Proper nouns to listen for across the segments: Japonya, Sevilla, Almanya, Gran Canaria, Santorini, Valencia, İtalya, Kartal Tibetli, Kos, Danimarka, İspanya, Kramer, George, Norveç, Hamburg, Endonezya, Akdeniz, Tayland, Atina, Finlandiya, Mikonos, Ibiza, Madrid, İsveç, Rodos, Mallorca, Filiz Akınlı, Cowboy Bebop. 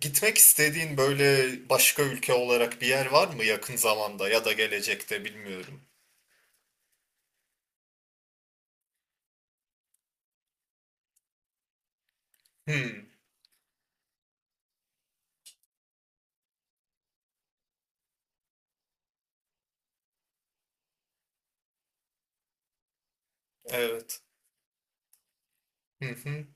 Gitmek istediğin böyle başka ülke olarak bir yer var mı yakın zamanda ya da gelecekte bilmiyorum. Hmm, evet. Hı hı,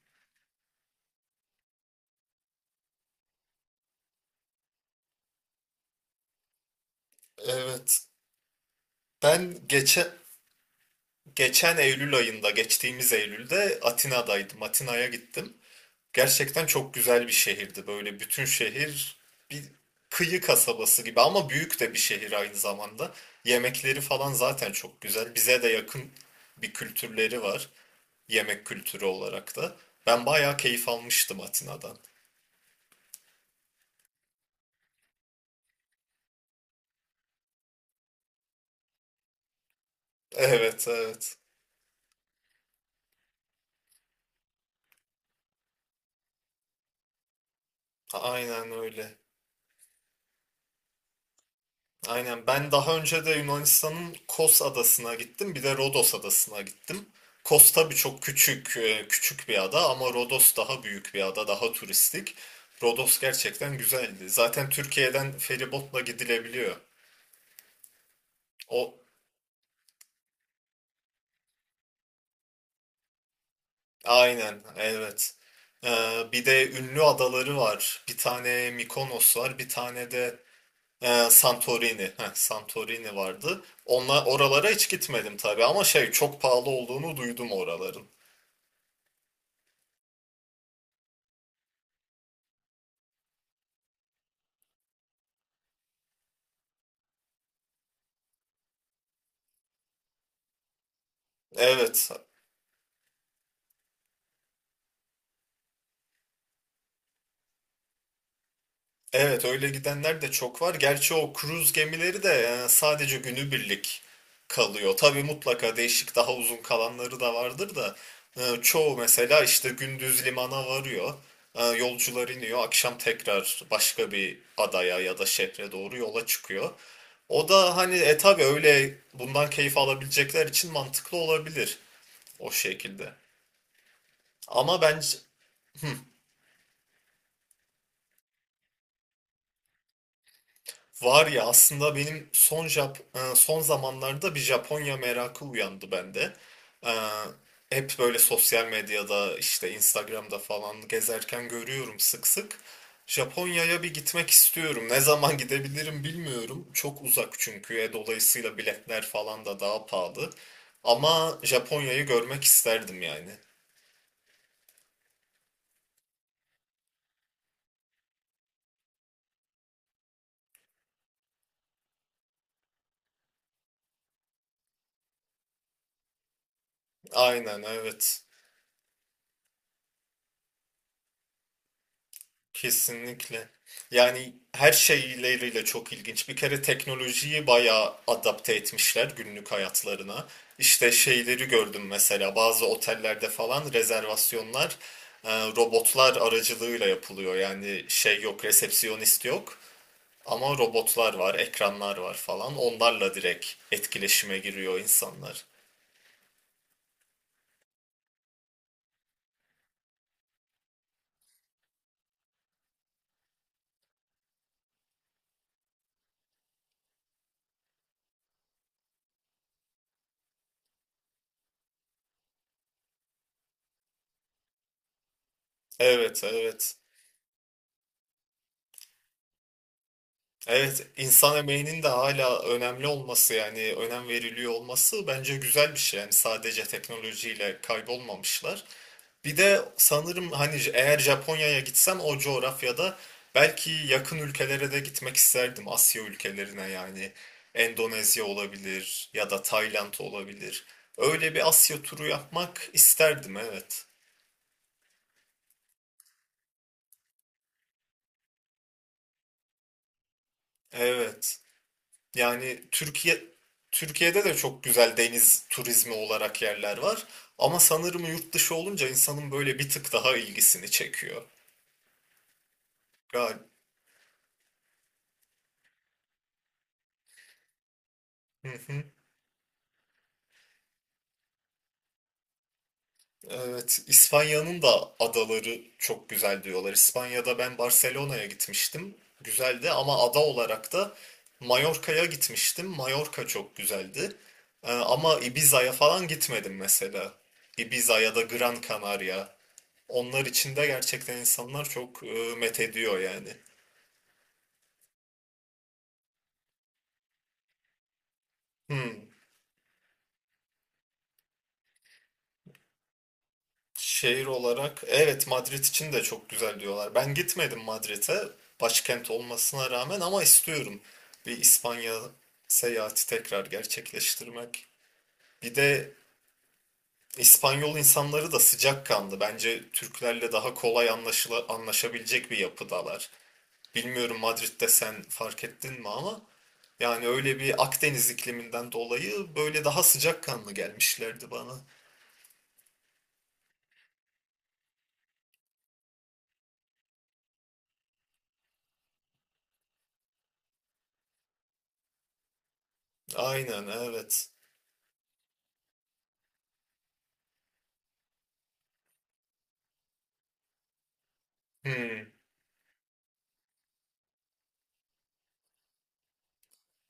evet. Ben geçe, Geçen Eylül ayında, geçtiğimiz Eylül'de Atina'daydım. Atina'ya gittim. Gerçekten çok güzel bir şehirdi. Böyle bütün şehir bir kıyı kasabası gibi ama büyük de bir şehir aynı zamanda. Yemekleri falan zaten çok güzel. Bize de yakın bir kültürleri var, yemek kültürü olarak da. Ben bayağı keyif almıştım Atina'dan. Evet, evet. Aynen öyle. Aynen. Ben daha önce de Yunanistan'ın Kos adasına gittim. Bir de Rodos adasına gittim. Kos tabii çok küçük, küçük bir ada, ama Rodos daha büyük bir ada, daha turistik. Rodos gerçekten güzeldi. Zaten Türkiye'den feribotla gidilebiliyor. O aynen, evet. Bir de ünlü adaları var. Bir tane Mikonos var, bir tane de Santorini. Heh, Santorini vardı. Onlar oralara hiç gitmedim tabii ama şey, çok pahalı olduğunu duydum oraların. Evet. Evet, öyle gidenler de çok var. Gerçi o kruz gemileri de sadece günübirlik kalıyor. Tabii mutlaka değişik daha uzun kalanları da vardır da çoğu mesela işte gündüz limana varıyor. Yolcular iniyor. Akşam tekrar başka bir adaya ya da şehre doğru yola çıkıyor. O da hani tabii öyle bundan keyif alabilecekler için mantıklı olabilir o şekilde. Ama ben Var ya, aslında benim son zamanlarda bir Japonya merakı uyandı bende. E, Hep böyle sosyal medyada işte Instagram'da falan gezerken görüyorum sık sık. Japonya'ya bir gitmek istiyorum. Ne zaman gidebilirim bilmiyorum. Çok uzak çünkü. Dolayısıyla biletler falan da daha pahalı. Ama Japonya'yı görmek isterdim yani. Aynen, evet. Kesinlikle. Yani her şeyleriyle çok ilginç. Bir kere teknolojiyi bayağı adapte etmişler günlük hayatlarına. İşte şeyleri gördüm, mesela bazı otellerde falan rezervasyonlar e, robotlar aracılığıyla yapılıyor. Yani şey yok, resepsiyonist yok, ama robotlar var, ekranlar var falan. Onlarla direkt etkileşime giriyor insanlar. Evet, evet. Evet, insan emeğinin de hala önemli olması, yani önem veriliyor olması bence güzel bir şey. Yani sadece teknolojiyle kaybolmamışlar. Bir de sanırım hani eğer Japonya'ya gitsem, o coğrafyada belki yakın ülkelere de gitmek isterdim. Asya ülkelerine yani. Endonezya olabilir ya da Tayland olabilir. Öyle bir Asya turu yapmak isterdim, evet. Evet. Yani Türkiye Türkiye'de de çok güzel deniz turizmi olarak yerler var. Ama sanırım yurt dışı olunca insanın böyle bir tık daha ilgisini çekiyor. Gal, hı hı. Evet, İspanya'nın da adaları çok güzel diyorlar. İspanya'da ben Barcelona'ya gitmiştim. Güzeldi, ama ada olarak da Mallorca'ya gitmiştim. Mallorca çok güzeldi. Ama Ibiza'ya falan gitmedim mesela. Ibiza ya da Gran Canaria. Onlar için de gerçekten insanlar çok met ediyor yani. Hmm. Şehir olarak evet, Madrid için de çok güzel diyorlar. Ben gitmedim Madrid'e, başkent olmasına rağmen, ama istiyorum bir İspanya seyahati tekrar gerçekleştirmek. Bir de İspanyol insanları da sıcakkanlı. Bence Türklerle daha kolay anlaşabilecek bir yapıdalar. Bilmiyorum Madrid'de sen fark ettin mi ama yani öyle bir Akdeniz ikliminden dolayı böyle daha sıcakkanlı gelmişlerdi bana. Aynen, evet. Hmm.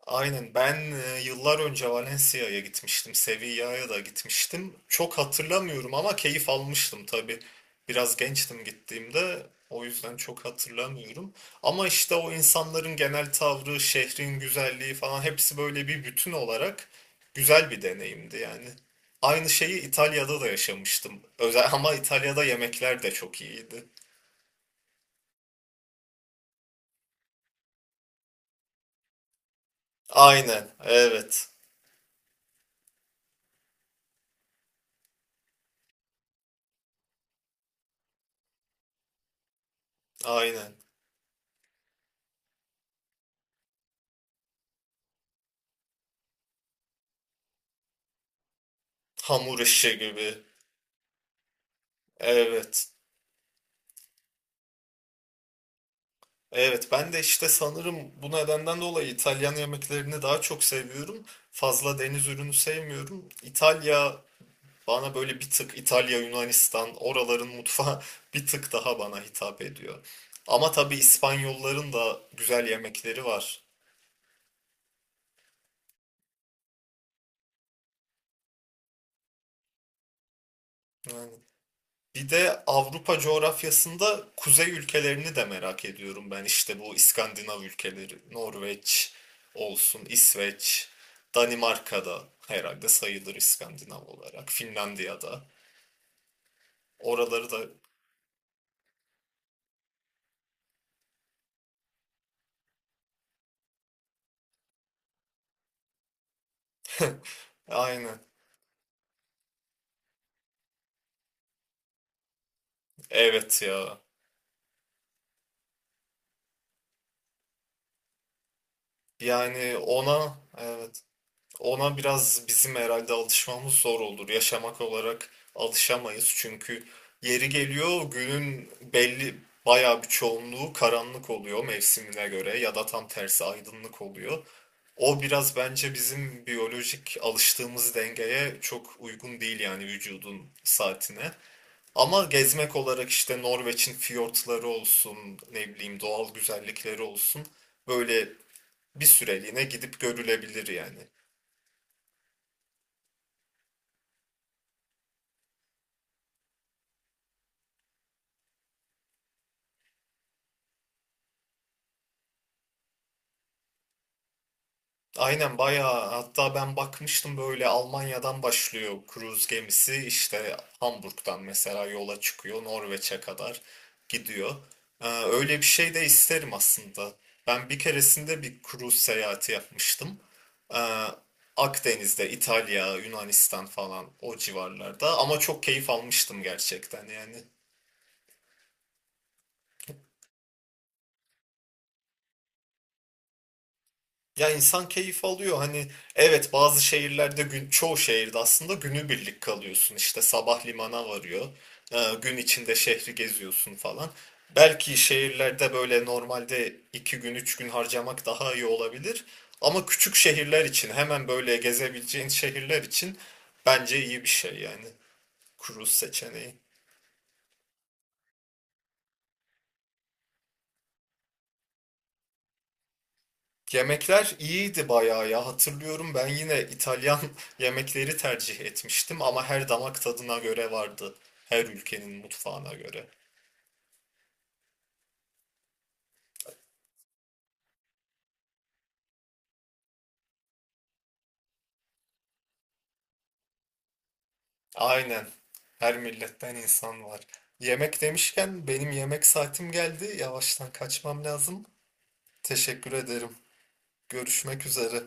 Aynen, ben yıllar önce Valencia'ya gitmiştim, Sevilla'ya da gitmiştim. Çok hatırlamıyorum ama keyif almıştım tabii. Biraz gençtim gittiğimde, o yüzden çok hatırlamıyorum. Ama işte o insanların genel tavrı, şehrin güzelliği falan, hepsi böyle bir bütün olarak güzel bir deneyimdi yani. Aynı şeyi İtalya'da da yaşamıştım. Özel, ama İtalya'da yemekler de çok iyiydi. Aynen, evet, aynen. Hamur işi gibi, evet. Evet, ben de işte sanırım bu nedenden dolayı İtalyan yemeklerini daha çok seviyorum. Fazla deniz ürünü sevmiyorum. İtalya bana böyle bir tık, İtalya, Yunanistan oraların mutfağı bir tık daha bana hitap ediyor. Ama tabii İspanyolların da güzel yemekleri var. Yani. Bir de Avrupa coğrafyasında kuzey ülkelerini de merak ediyorum ben. İşte bu İskandinav ülkeleri, Norveç olsun, İsveç, Danimarka'da herhalde sayılır İskandinav olarak, Finlandiya'da. Oraları da aynen. Evet ya. Yani ona evet. Ona biraz bizim herhalde alışmamız zor olur. Yaşamak olarak alışamayız. Çünkü yeri geliyor günün belli bayağı bir çoğunluğu karanlık oluyor mevsimine göre, ya da tam tersi aydınlık oluyor. O biraz bence bizim biyolojik alıştığımız dengeye çok uygun değil, yani vücudun saatine. Ama gezmek olarak işte Norveç'in fiyortları olsun, ne bileyim doğal güzellikleri olsun, böyle bir süreliğine gidip görülebilir yani. Aynen, bayağı hatta ben bakmıştım, böyle Almanya'dan başlıyor kruz gemisi, işte Hamburg'dan mesela yola çıkıyor, Norveç'e kadar gidiyor. Öyle bir şey de isterim aslında. Ben bir keresinde bir kruz seyahati yapmıştım. Ee, Akdeniz'de İtalya, Yunanistan falan o civarlarda, ama çok keyif almıştım gerçekten yani. Ya insan keyif alıyor. Hani evet, bazı şehirlerde çoğu şehirde aslında günübirlik kalıyorsun. İşte sabah limana varıyor. Gün içinde şehri geziyorsun falan. Belki şehirlerde böyle normalde iki gün üç gün harcamak daha iyi olabilir. Ama küçük şehirler için, hemen böyle gezebileceğin şehirler için bence iyi bir şey yani. Cruise seçeneği. Yemekler iyiydi bayağı ya. Hatırlıyorum, ben yine İtalyan yemekleri tercih etmiştim, ama her damak tadına göre vardı. Her ülkenin mutfağına göre. Aynen. Her milletten insan var. Yemek demişken benim yemek saatim geldi. Yavaştan kaçmam lazım. Teşekkür ederim. Görüşmek üzere.